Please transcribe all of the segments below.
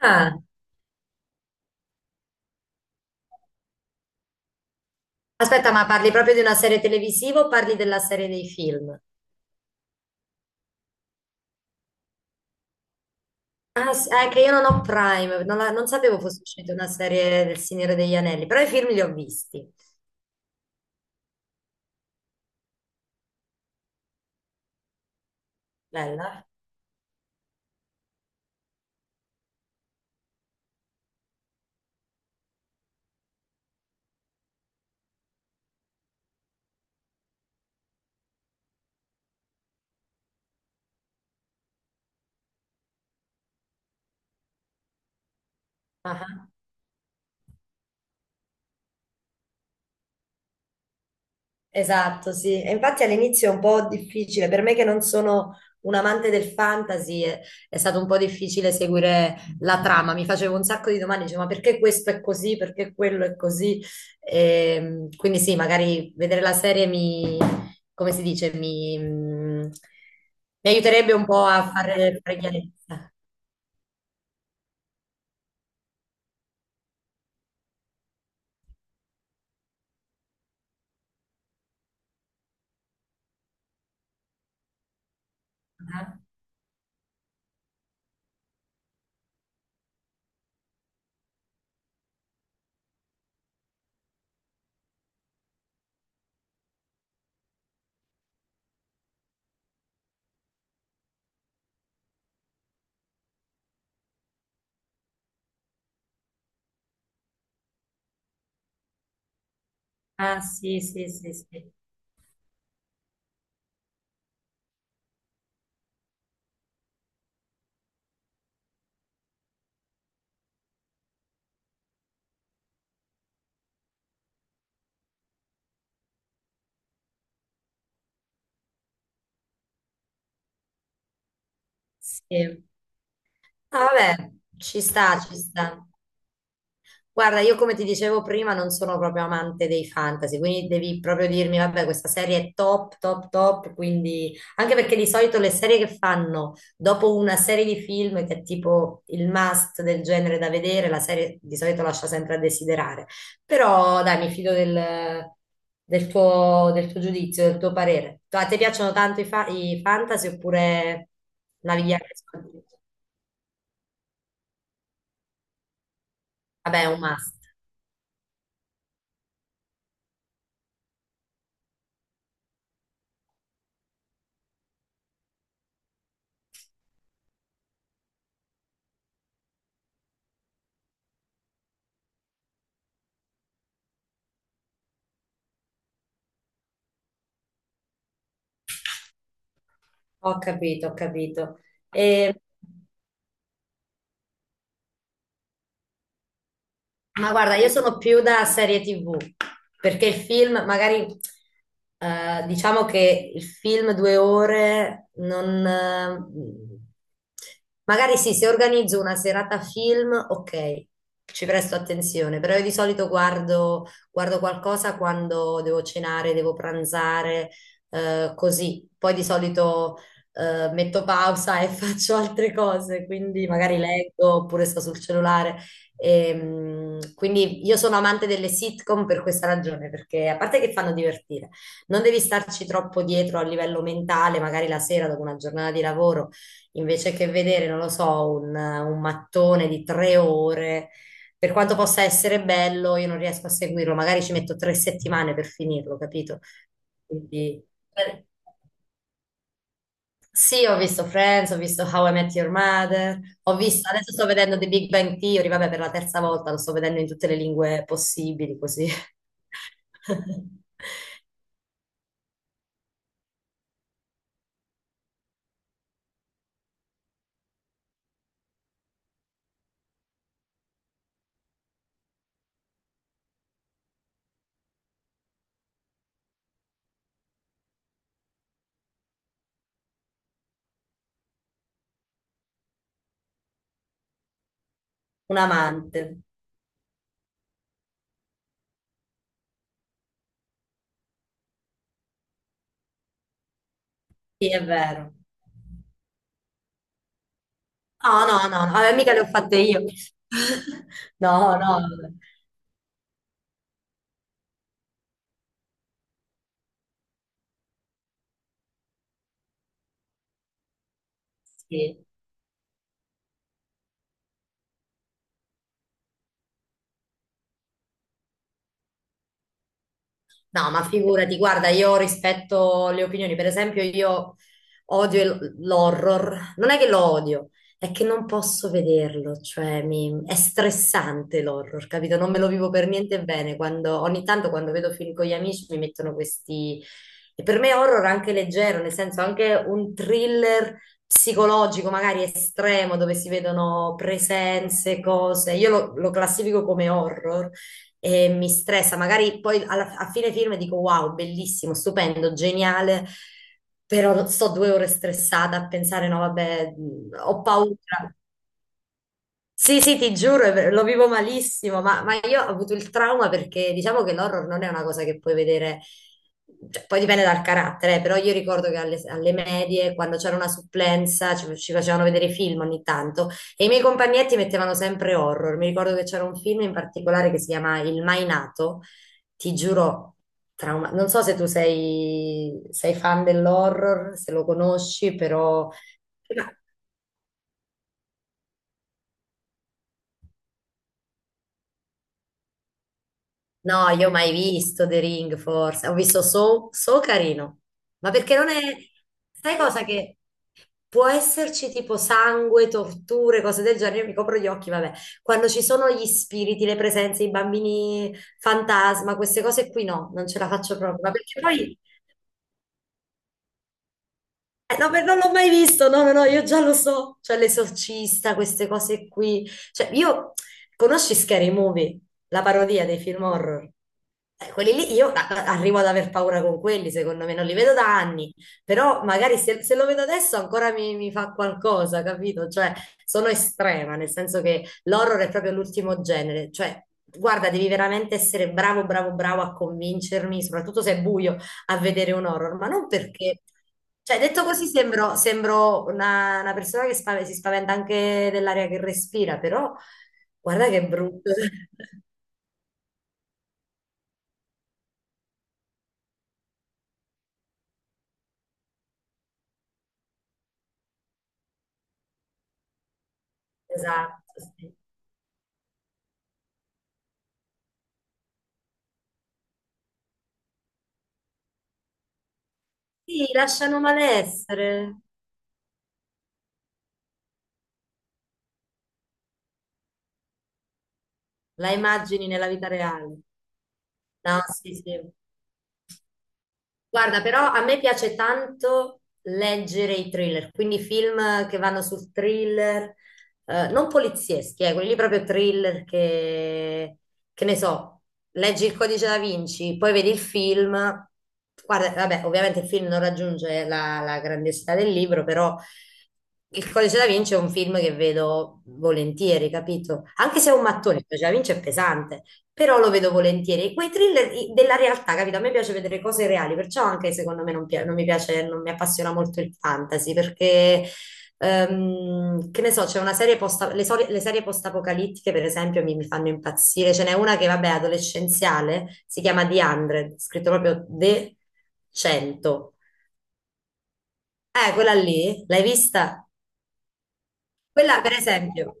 Ah, aspetta, ma parli proprio di una serie televisiva o parli della serie dei film? Ah, sì, è che io non ho Prime, non, la- non sapevo fosse uscita una serie del Signore degli Anelli, però i film li ho visti. Bella. Esatto, sì. E infatti all'inizio è un po' difficile, per me che non sono un amante del fantasy, è stato un po' difficile seguire la trama. Mi facevo un sacco di domande, dicevo, ma perché questo è così? Perché quello è così? Quindi sì, magari vedere la serie mi, come si dice, mi, mi aiuterebbe un po' a fare, fare chiarezza. Ah, ah, sì, sì, sì, sì. Sì. Ah, vabbè, ci sta, ci sta. Guarda, io come ti dicevo prima non sono proprio amante dei fantasy, quindi devi proprio dirmi, vabbè, questa serie è top, top, top, quindi anche perché di solito le serie che fanno dopo una serie di film che è tipo il must del genere da vedere, la serie di solito lascia sempre a desiderare. Però dai, mi fido del, del tuo giudizio, del tuo parere. A te piacciono tanto i, fa- i fantasy oppure navighi anche su altri? Vabbè, è un must. Ho capito, ho capito. E... Ma guarda, io sono più da serie TV, perché il film, magari, diciamo che il film 2 ore non... magari sì, se organizzo una serata film, ok, ci presto attenzione, però io di solito guardo, guardo qualcosa quando devo cenare, devo pranzare, così. Poi di solito, metto pausa e faccio altre cose, quindi magari leggo oppure sto sul cellulare. Quindi io sono amante delle sitcom per questa ragione, perché a parte che fanno divertire, non devi starci troppo dietro a livello mentale, magari la sera dopo una giornata di lavoro, invece che vedere, non lo so, un mattone di 3 ore, per quanto possa essere bello, io non riesco a seguirlo, magari ci metto 3 settimane per finirlo, capito? Quindi... eh, sì, ho visto Friends, ho visto How I Met Your Mother, ho visto, adesso sto vedendo The Big Bang Theory, vabbè, per la terza volta lo sto vedendo in tutte le lingue possibili, così. Un amante, sì, è vero. No, no, no, no, mica le ho fatte io. No, no, sì. No, ma figurati, guarda, io rispetto le opinioni, per esempio io odio il- l'horror, non è che lo odio, è che non posso vederlo, cioè mi- è stressante l'horror, capito? Non me lo vivo per niente bene, quando, ogni tanto quando vedo film con gli amici mi mettono questi... E per me horror anche leggero, nel senso anche un thriller psicologico, magari estremo, dove si vedono presenze, cose, io lo classifico come horror e mi stressa. Magari poi alla- a fine film dico wow, bellissimo, stupendo, geniale, però sto 2 ore stressata a pensare, no, vabbè, ho paura. Sì, sì, ti giuro, è ver- lo vivo malissimo, ma io ho avuto il trauma perché diciamo che l'horror non è una cosa che puoi vedere, cioè, poi dipende dal carattere, però io ricordo che alle, alle medie, quando c'era una supplenza, ci facevano vedere film ogni tanto e i miei compagnetti mettevano sempre horror. Mi ricordo che c'era un film in particolare che si chiama Il Mai Nato, ti giuro, trauma. Non so se sei fan dell'horror, se lo conosci, però... No, io ho mai visto The Ring, forse. Ho visto So, So carino. Ma perché non è... Sai cosa che... Può esserci tipo sangue, torture, cose del genere, io mi copro gli occhi, vabbè. Quando ci sono gli spiriti, le presenze, i bambini fantasma, queste cose qui no, non ce la faccio proprio. Ma perché poi no, beh, non l'ho mai visto, no, no, no, io già lo so, cioè l'esorcista, queste cose qui, cioè io, conosci Scary Movie, la parodia dei film horror? Quelli lì, io a- a- arrivo ad aver paura con quelli, secondo me, non li vedo da anni, però magari se lo vedo adesso ancora mi, mi fa qualcosa, capito? Cioè, sono estrema, nel senso che l'horror è proprio l'ultimo genere, cioè, guarda, devi veramente essere bravo, bravo, bravo a convincermi, soprattutto se è buio, a vedere un horror, ma non perché... Cioè, detto così sembro, sembro una persona che spav- si spaventa anche dell'aria che respira, però guarda che brutto. Esatto, sì. Sì, lasciano malessere, la immagini nella vita reale. No, sì, sì. Guarda, però a me piace tanto leggere i thriller, quindi film che vanno sul thriller, non polizieschi, quelli lì proprio thriller che ne so, leggi il Codice da Vinci, poi vedi il film, guarda, vabbè, ovviamente il film non raggiunge la, la grandiosità del libro, però il Codice da Vinci è un film che vedo volentieri, capito? Anche se è un mattone, il Codice da Vinci è pesante però lo vedo volentieri. Quei thriller i- della realtà, capito? A me piace vedere cose reali, perciò anche secondo me non, pia- non mi piace, non mi appassiona molto il fantasy, perché, che ne so, c'è una serie post, le, sori- le serie post-apocalittiche, per esempio, mi fanno impazzire. Ce n'è una che, vabbè, è adolescenziale, si chiama The 100, scritto proprio The 100. Quella lì, l'hai vista? Quella, per esempio,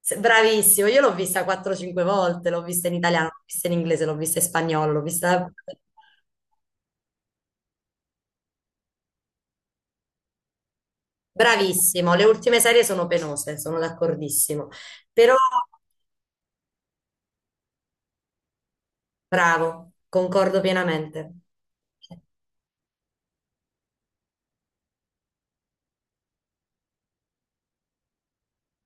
se- bravissimo, io l'ho vista 4-5 volte, l'ho vista in italiano, l'ho vista in inglese, l'ho vista in spagnolo, l'ho vista... Bravissimo, le ultime serie sono penose, sono d'accordissimo. Però, bravo, concordo pienamente.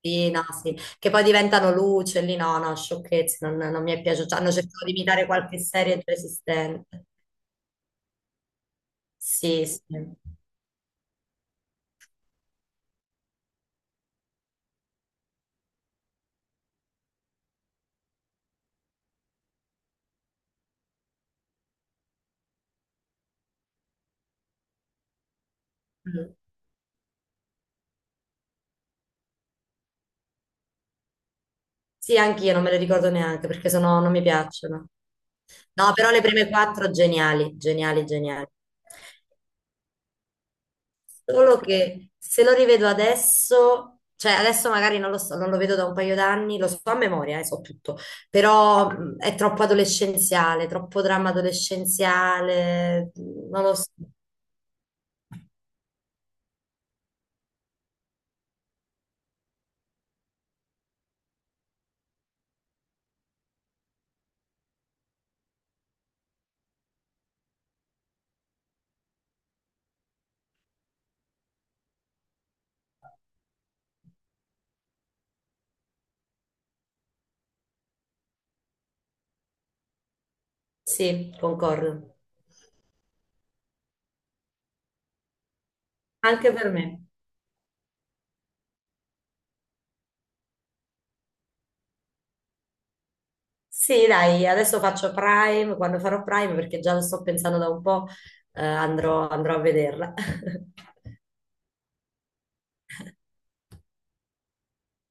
Sì, no, sì. Che poi diventano luce, lì no, no, sciocchezze, non, non mi è piaciuto. Cioè, hanno cercato di imitare qualche serie già esistente. Sì, sì. Mm. Sì, anch'io non me le ricordo neanche perché sono, non mi piacciono. No, però le prime quattro geniali, geniali, geniali. Solo che se lo rivedo adesso, cioè adesso magari non lo so, non lo vedo da un paio d'anni, lo so a memoria, so tutto, però è troppo adolescenziale, troppo dramma adolescenziale, non lo so. Sì, concordo. Anche per me. Sì, dai, adesso faccio Prime, quando farò Prime, perché già lo sto pensando da un po', andrò andrò a vederla.